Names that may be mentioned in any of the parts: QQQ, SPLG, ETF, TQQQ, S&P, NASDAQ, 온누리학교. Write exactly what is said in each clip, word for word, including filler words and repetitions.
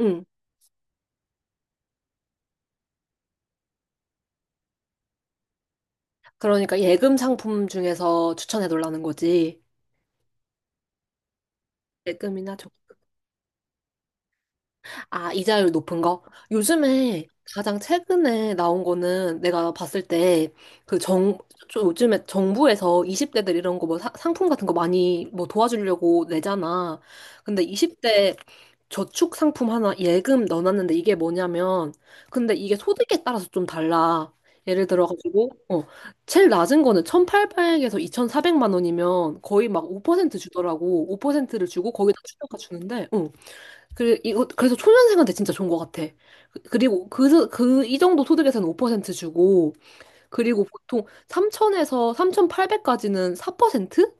응. 그러니까 예금 상품 중에서 추천해 달라는 거지. 예금이나 저. 아, 이자율 높은 거? 요즘에 가장 최근에 나온 거는 내가 봤을 때 그 정, 좀 요즘에 정부에서 이십 대들 이런 거 뭐 상품 같은 거 많이 뭐 도와주려고 내잖아. 근데 이십 대 저축 상품 하나 예금 넣어놨는데 이게 뭐냐면 근데 이게 소득에 따라서 좀 달라. 예를 들어가지고 어 제일 낮은 거는 천팔백에서 이천사백만 원이면 거의 막 오 퍼센트 주더라고. 오 퍼센트를 주고 거기다 추가가 주는데 어, 그, 이거, 그래서 초년생한테 진짜 좋은 것 같아. 그- 그리고 그, 그, 이 정도 소득에서는 오 퍼센트 주고, 그리고 보통 삼천에서 삼천팔백까지는 사 퍼센트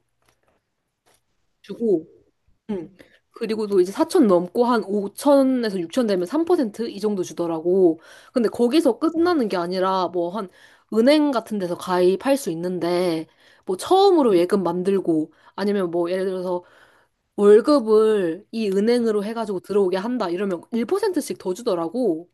주고, 음. 그리고 또 이제 사천 넘고 한 오천에서 육천 되면 삼 퍼센트 이 정도 주더라고. 근데 거기서 끝나는 게 아니라 뭐 한 은행 같은 데서 가입할 수 있는데, 뭐 처음으로 예금 만들고, 아니면 뭐 예를 들어서 월급을 이 은행으로 해가지고 들어오게 한다 이러면 일 퍼센트씩 더 주더라고.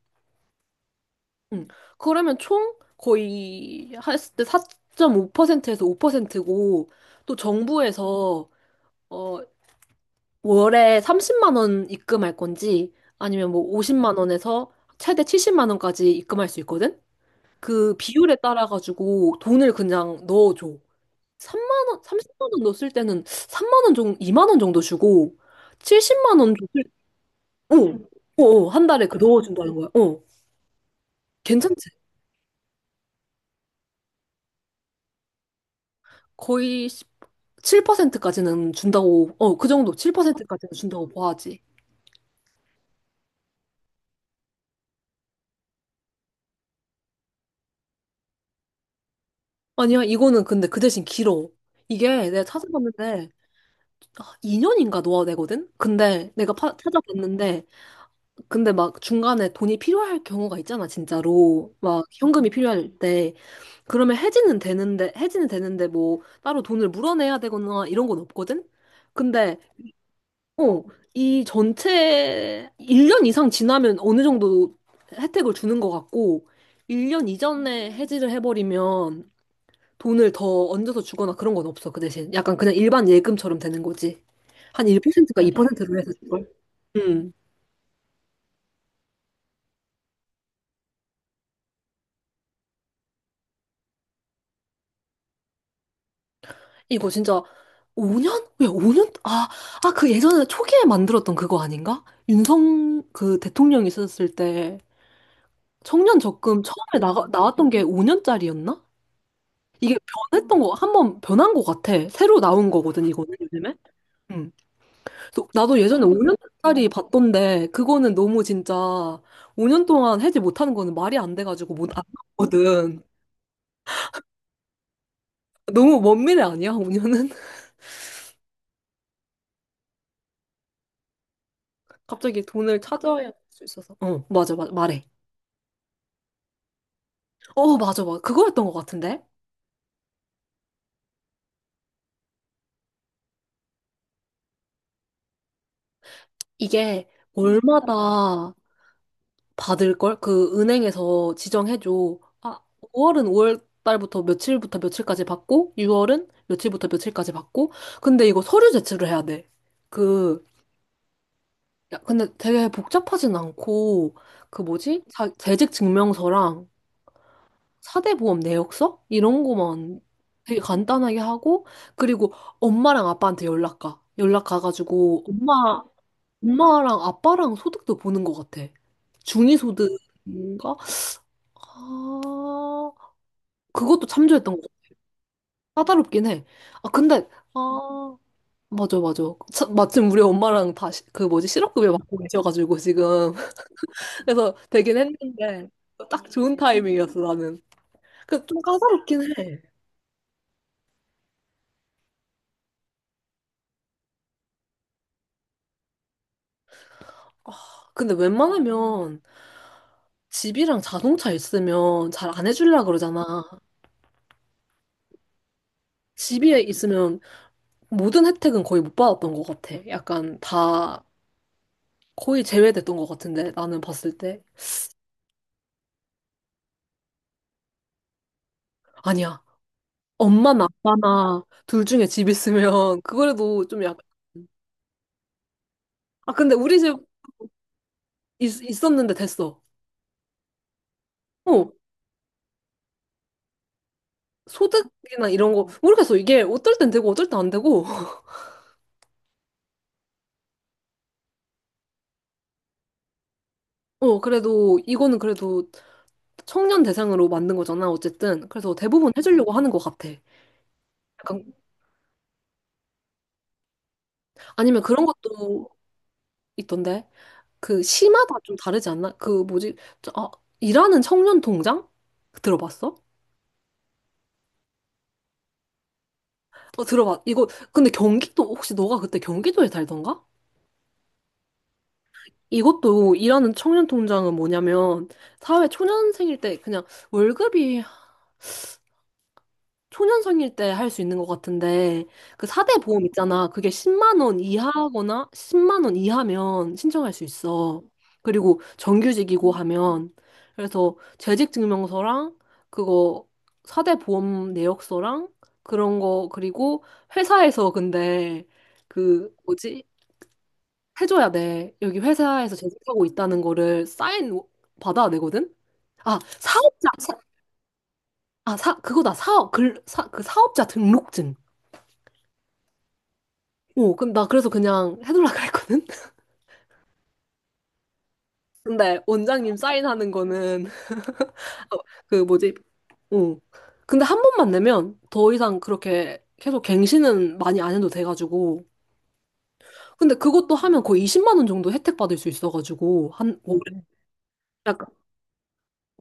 응. 그러면 총 거의 했을 때 사 점 오 퍼센트에서 오 퍼센트고 또 정부에서 어 월에 삼십만 원 입금할 건지 아니면 뭐 오십만 원에서 최대 칠십만 원까지 입금할 수 있거든. 그 비율에 따라 가지고 돈을 그냥 넣어줘. 삼만 원, 삼십만 원 넣었을 때는 삼만 원 정도, 이만 원 정도 주고 칠십만 원 오, 오, 오, 한 달에 그 넣어준다는 거야. 어, 괜찮지? 거의 칠 퍼센트까지는 준다고, 어, 그 정도, 칠 퍼센트까지는 준다고 봐야지. 아니야, 이거는 근데 그 대신 길어. 이게 내가 찾아봤는데, 아, 이 년인가 넣어야 되거든? 근데 내가 파- 찾아봤는데, 근데 막 중간에 돈이 필요할 경우가 있잖아, 진짜로. 막 현금이 필요할 때. 그러면 해지는 되는데, 해지는 되는데 뭐 따로 돈을 물어내야 되거나 이런 건 없거든? 근데 어, 이 전체 일 년 이상 지나면 어느 정도 혜택을 주는 것 같고, 일 년 이전에 해지를 해버리면 돈을 더 얹어서 주거나 그런 건 없어, 그 대신. 약간 그냥 일반 예금처럼 되는 거지. 한 일 퍼센트가 이 퍼센트로 해서 줄걸? 음. 이거 진짜 오 년? 왜 오 년? 아, 아, 그 예전에 초기에 만들었던 그거 아닌가? 윤석 그 대통령이 있었을 때 청년 적금 처음에 나가, 나왔던 게 오 년짜리였나? 이게 변했던 거, 한 번 변한 거 같아. 새로 나온 거거든, 이거는 요즘에. 음. 그래서 나도 예전에 오 년짜리 봤던데, 그거는 너무 진짜 오 년 동안 해지 못하는 거는 말이 안 돼가지고 못, 안 봤거든. 너무 먼 미래 아니야, 오 년은? 갑자기 돈을 찾아야 할 수 있어서. 어, 맞아, 맞아, 말해. 어, 맞아, 맞아. 그거였던 것 같은데? 이게 월마다 받을 걸? 그 은행에서 지정해 줘. 아, 오월은 오월 달부터 며칠부터 며칠까지 받고 유월은 며칠부터 며칠까지 받고 근데 이거 서류 제출을 해야 돼. 그 야, 근데 되게 복잡하진 않고 그 뭐지? 자, 재직 증명서랑 사대보험 내역서 이런 거만 되게 간단하게 하고 그리고 엄마랑 아빠한테 연락 가. 연락 가가지고 엄마 엄마랑 아빠랑 소득도 보는 것 같아. 중위소득인가? 아, 그것도 참조했던 거죠. 까다롭긴 해. 아, 근데, 아, 맞아, 맞아. 차- 마침 우리 엄마랑 다, 시- 그 뭐지, 실업급여 받고 계셔가지고, 지금. 그래서 되긴 했는데, 딱 좋은 타이밍이었어, 나는. 그, 좀 까다롭긴 해. 아, 근데 웬만하면 집이랑 자동차 있으면 잘 안 해주려고 그러잖아. 집에 있으면 모든 혜택은 거의 못 받았던 것 같아. 약간 다 거의 제외됐던 것 같은데, 나는 봤을 때. 아니야. 엄마나 아빠나 둘 중에 집 있으면 그거라도 좀 약간 아 근데 우리 집 있, 있었는데 됐어. 어 소득이나 이런 거 모르겠어. 이게 어떨 땐 되고 어떨 땐 안 되고. 어 그래도 이거는 그래도 청년 대상으로 만든 거잖아 어쨌든. 그래서 대부분 해주려고 하는 것 같아. 약간 아니면 그런 것도 있던데 그 시마다 좀 다르지 않나? 그 뭐지? 저, 아 일하는 청년 통장 들어봤어? 어 들어봤. 이거 근데 경기도 혹시 너가 그때 경기도에 살던가? 이것도 일하는 청년 통장은 뭐냐면 사회 초년생일 때 그냥 월급이 초년생일 때 할 수 있는 것 같은데 그 사 대 보험 있잖아. 그게 십만 원 이하거나 십만 원 이하면 신청할 수 있어. 그리고 정규직이고 하면 그래서 재직증명서랑 그거 사 대 보험 내역서랑 그런 거 그리고 회사에서 근데 그 뭐지? 해줘야 돼. 여기 회사에서 재직하고 있다는 거를 사인 받아야 되거든? 아, 사업자, 사, 아, 사, 그거다. 사업, 글, 사, 그 사업자 등록증. 오, 그럼 나 그래서 그냥 해달라 그랬거든? 근데 원장님 사인하는 거는, 어, 그 뭐지, 어. 근데 한 번만 내면 더 이상 그렇게 계속 갱신은 많이 안 해도 돼가지고. 근데 그것도 하면 거의 이십만 원 정도 혜택 받을 수 있어가지고, 한, 올해.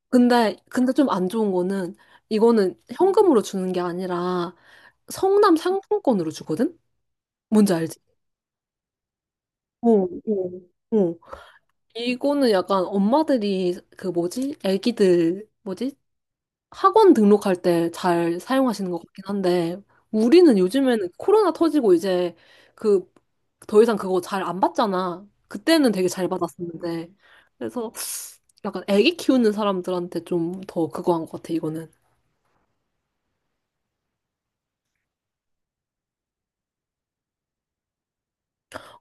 근데, 근데 좀 안 좋은 거는, 이거는 현금으로 주는 게 아니라, 성남 상품권으로 주거든? 뭔지 알지? 어, 어, 어. 이거는 약간 엄마들이, 그 뭐지? 애기들, 뭐지? 학원 등록할 때 잘 사용하시는 것 같긴 한데, 우리는 요즘에는 코로나 터지고 이제, 그, 더 이상 그거 잘 안 받잖아. 그때는 되게 잘 받았었는데. 그래서 약간 애기 키우는 사람들한테 좀 더 그거 한 것 같아, 이거는.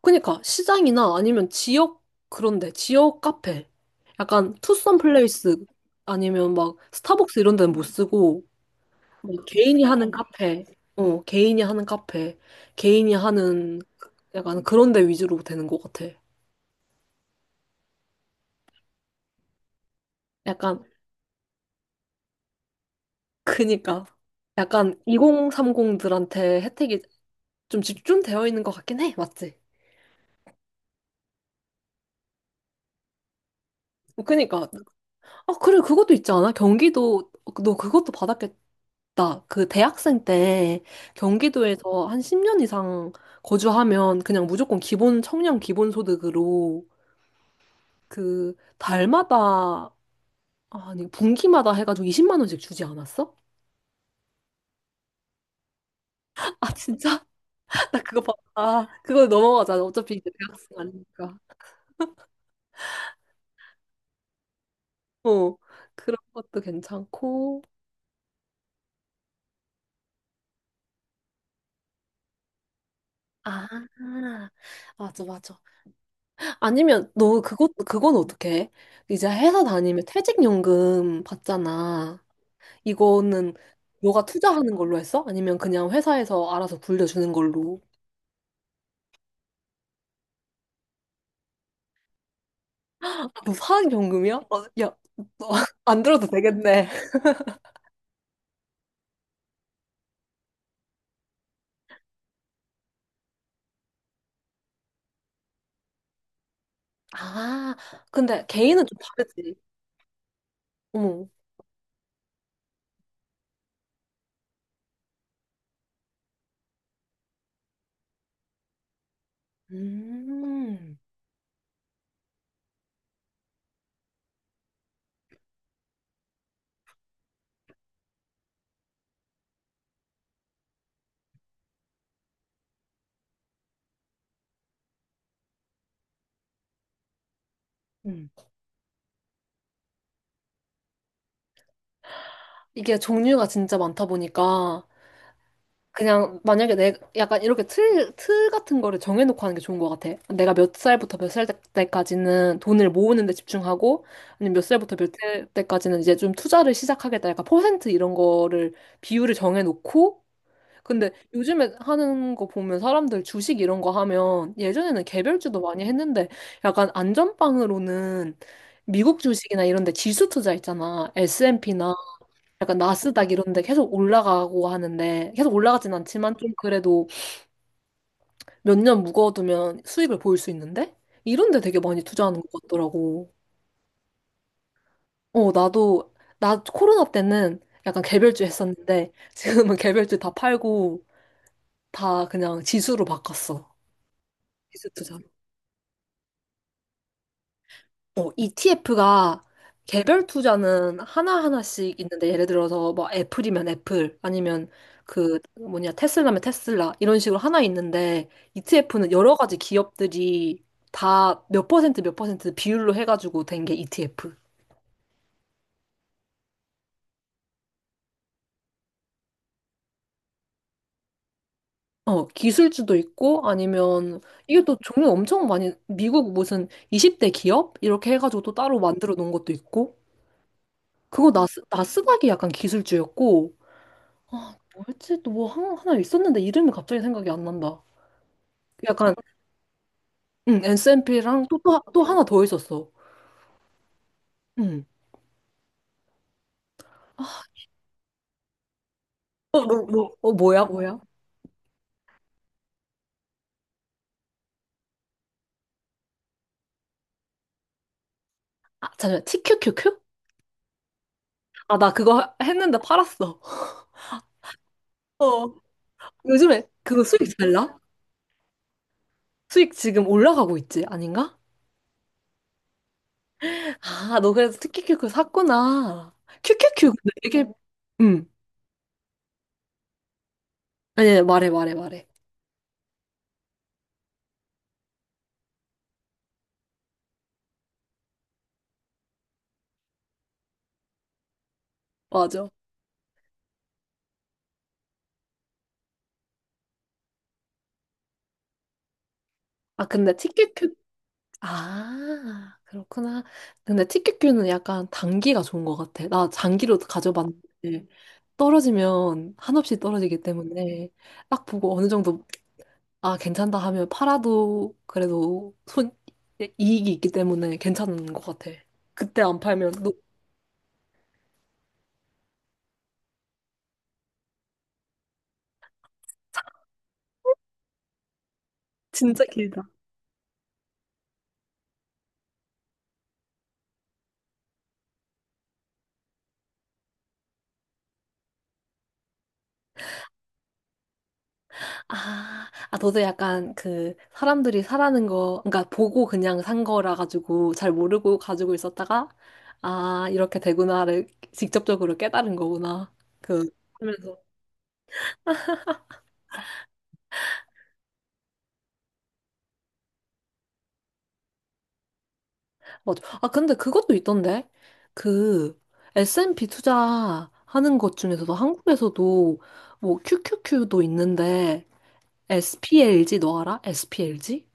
그니까 시장이나 아니면 지역 그런데 지역 카페 약간 투썸 플레이스 아니면 막 스타벅스 이런 데는 못 쓰고 뭐 개인이 하는 카페 어 개인이 하는 카페 개인이 하는 약간 그런 데 위주로 되는 것 같아 약간 그니까 약간 이공삼공들한테 혜택이 좀 집중되어 있는 것 같긴 해 맞지? 그니까 아, 그래, 그것도 있지 않아? 경기도, 너 그것도 받았겠다. 그 대학생 때 경기도에서 한 십 년 이상 거주하면 그냥 무조건 기본, 청년 기본 소득으로 그 달마다, 아, 아니, 분기마다 해가지고 이십만 원씩 주지 않았어? 아, 진짜? 나 그거 봤다. 아, 그거 넘어가자. 어차피 이제 대학생 아니니까. 어, 그런 것도 괜찮고. 아, 맞아, 맞아. 아니면 너 그것 그건 어떻게 해? 이제 회사 다니면 퇴직연금 받잖아. 이거는 너가 투자하는 걸로 했어? 아니면 그냥 회사에서 알아서 불려주는 걸로? 아, 너 사학연금이야? 어, 야, 너 안 들어도 되겠네. 아, 근데 개인은 좀 다르지. 어머. 음. 음. 이게 종류가 진짜 많다 보니까 그냥 만약에 내 약간 이렇게 틀, 틀 같은 거를 정해놓고 하는 게 좋은 것 같아. 내가 몇 살부터 몇 살 때까지는 돈을 모으는 데 집중하고, 아니면 몇 살부터 몇 살 때까지는 이제 좀 투자를 시작하겠다. 약간 퍼센트 이런 거를 비율을 정해놓고, 근데 요즘에 하는 거 보면 사람들 주식 이런 거 하면 예전에는 개별주도 많이 했는데 약간 안전빵으로는 미국 주식이나 이런 데 지수 투자 있잖아. 에스앤피나 약간 나스닥 이런 데 계속 올라가고 하는데 계속 올라가진 않지만 좀 그래도 몇 년 묵어두면 수익을 보일 수 있는데 이런 데 되게 많이 투자하는 것 같더라고. 어, 나도 나 코로나 때는 약간 개별주 했었는데 지금은 개별주 다 팔고 다 그냥 지수로 바꿨어. 지수 투자. 어, 이티에프가 개별 투자는 하나하나씩 있는데 예를 들어서 뭐 애플이면 애플 아니면 그 뭐냐 테슬라면 테슬라 이런 식으로 하나 있는데 이티에프는 여러 가지 기업들이 다 몇 퍼센트 몇 퍼센트 비율로 해가지고 된 게 이티에프. 어, 기술주도 있고 아니면 이게 또 종류 엄청 많이 미국 무슨 이십 대 기업 이렇게 해가지고 또 따로 만들어 놓은 것도 있고 그거 나스, 나스닥이 약간 기술주였고 아, 뭐였지? 또 뭐 하나 하나 있었는데 이름이 갑자기 생각이 안 난다. 약간 응, 에스엔피랑 또, 또, 하- 또 하나 더 있었어. 응. 어, 뭐, 뭐, 어, 뭐야, 뭐야? 아, 잠시만. 티큐큐큐? 아, 나 그거 하- 했는데 팔았어. 어, 요즘에 그거 수익 잘 나? 수익 지금 올라가고 있지, 아닌가? 아, 너 그래서 티큐큐큐 샀구나. 큐큐큐 근데 되게 응. 아니, 아니, 말해, 말해, 말해. 맞아. 아, 근데 티큐큐 아, 그렇구나. 근데 티켓큐는 약간 단기가 좋은 것 같아. 나 장기로 가져봤는데 떨어지면 한없이 떨어지기 때문에 딱 보고 어느 정도 아, 괜찮다 하면 팔아도 그래도 손 이익이 있기 때문에 괜찮은 것 같아. 그때 안 팔면 너 진짜 길다. 아, 아, 너도 약간 그 사람들이 사라는 거, 그러니까 보고 그냥 산 거라 가지고 잘 모르고 가지고 있었다가, 아, 이렇게 되구나를 직접적으로 깨달은 거구나. 그, 하면서. 맞아. 아, 근데 그것도 있던데? 그 에스앤피 투자하는 것 중에서도 한국에서도 뭐 큐큐큐도 있는데, 에스피엘지 너 알아? 에스피엘지?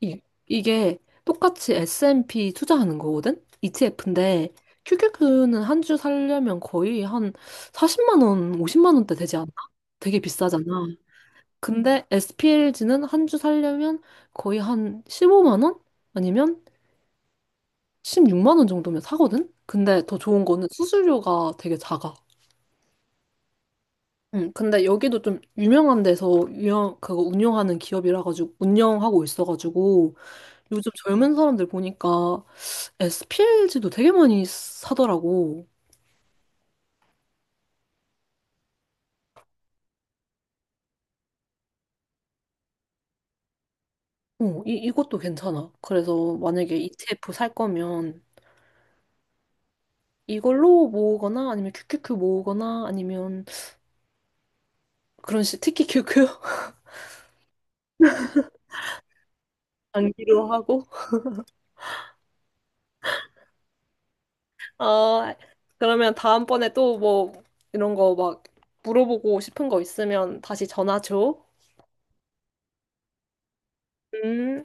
이, 이게 똑같이 에스앤피 투자하는 거거든? 이티에프인데 큐큐큐는 한 주 살려면 거의 한 사십만 원, 오십만 원대 되지 않나? 되게 비싸잖아. 근데 에스피엘지는 한 주 살려면 거의 한 십오만 원? 아니면 십육만 원 정도면 사거든? 근데 더 좋은 거는 수수료가 되게 작아. 응, 근데 여기도 좀 유명한 데서 유영, 그거 운영하는 기업이라 가지고 운영하고 있어 가지고 요즘 젊은 사람들 보니까 에스피엘지도 되게 많이 사더라고. 어, 이, 이것도 괜찮아. 그래서 만약에 이티에프 살 거면 이걸로 모으거나 아니면 큐큐큐 모으거나 아니면 그런 식, 특히 큐큐 장기로 하고. 아, 그러면 다음번에 또 뭐 이런 거 막 물어보고 싶은 거 있으면 다시 전화 줘. 음.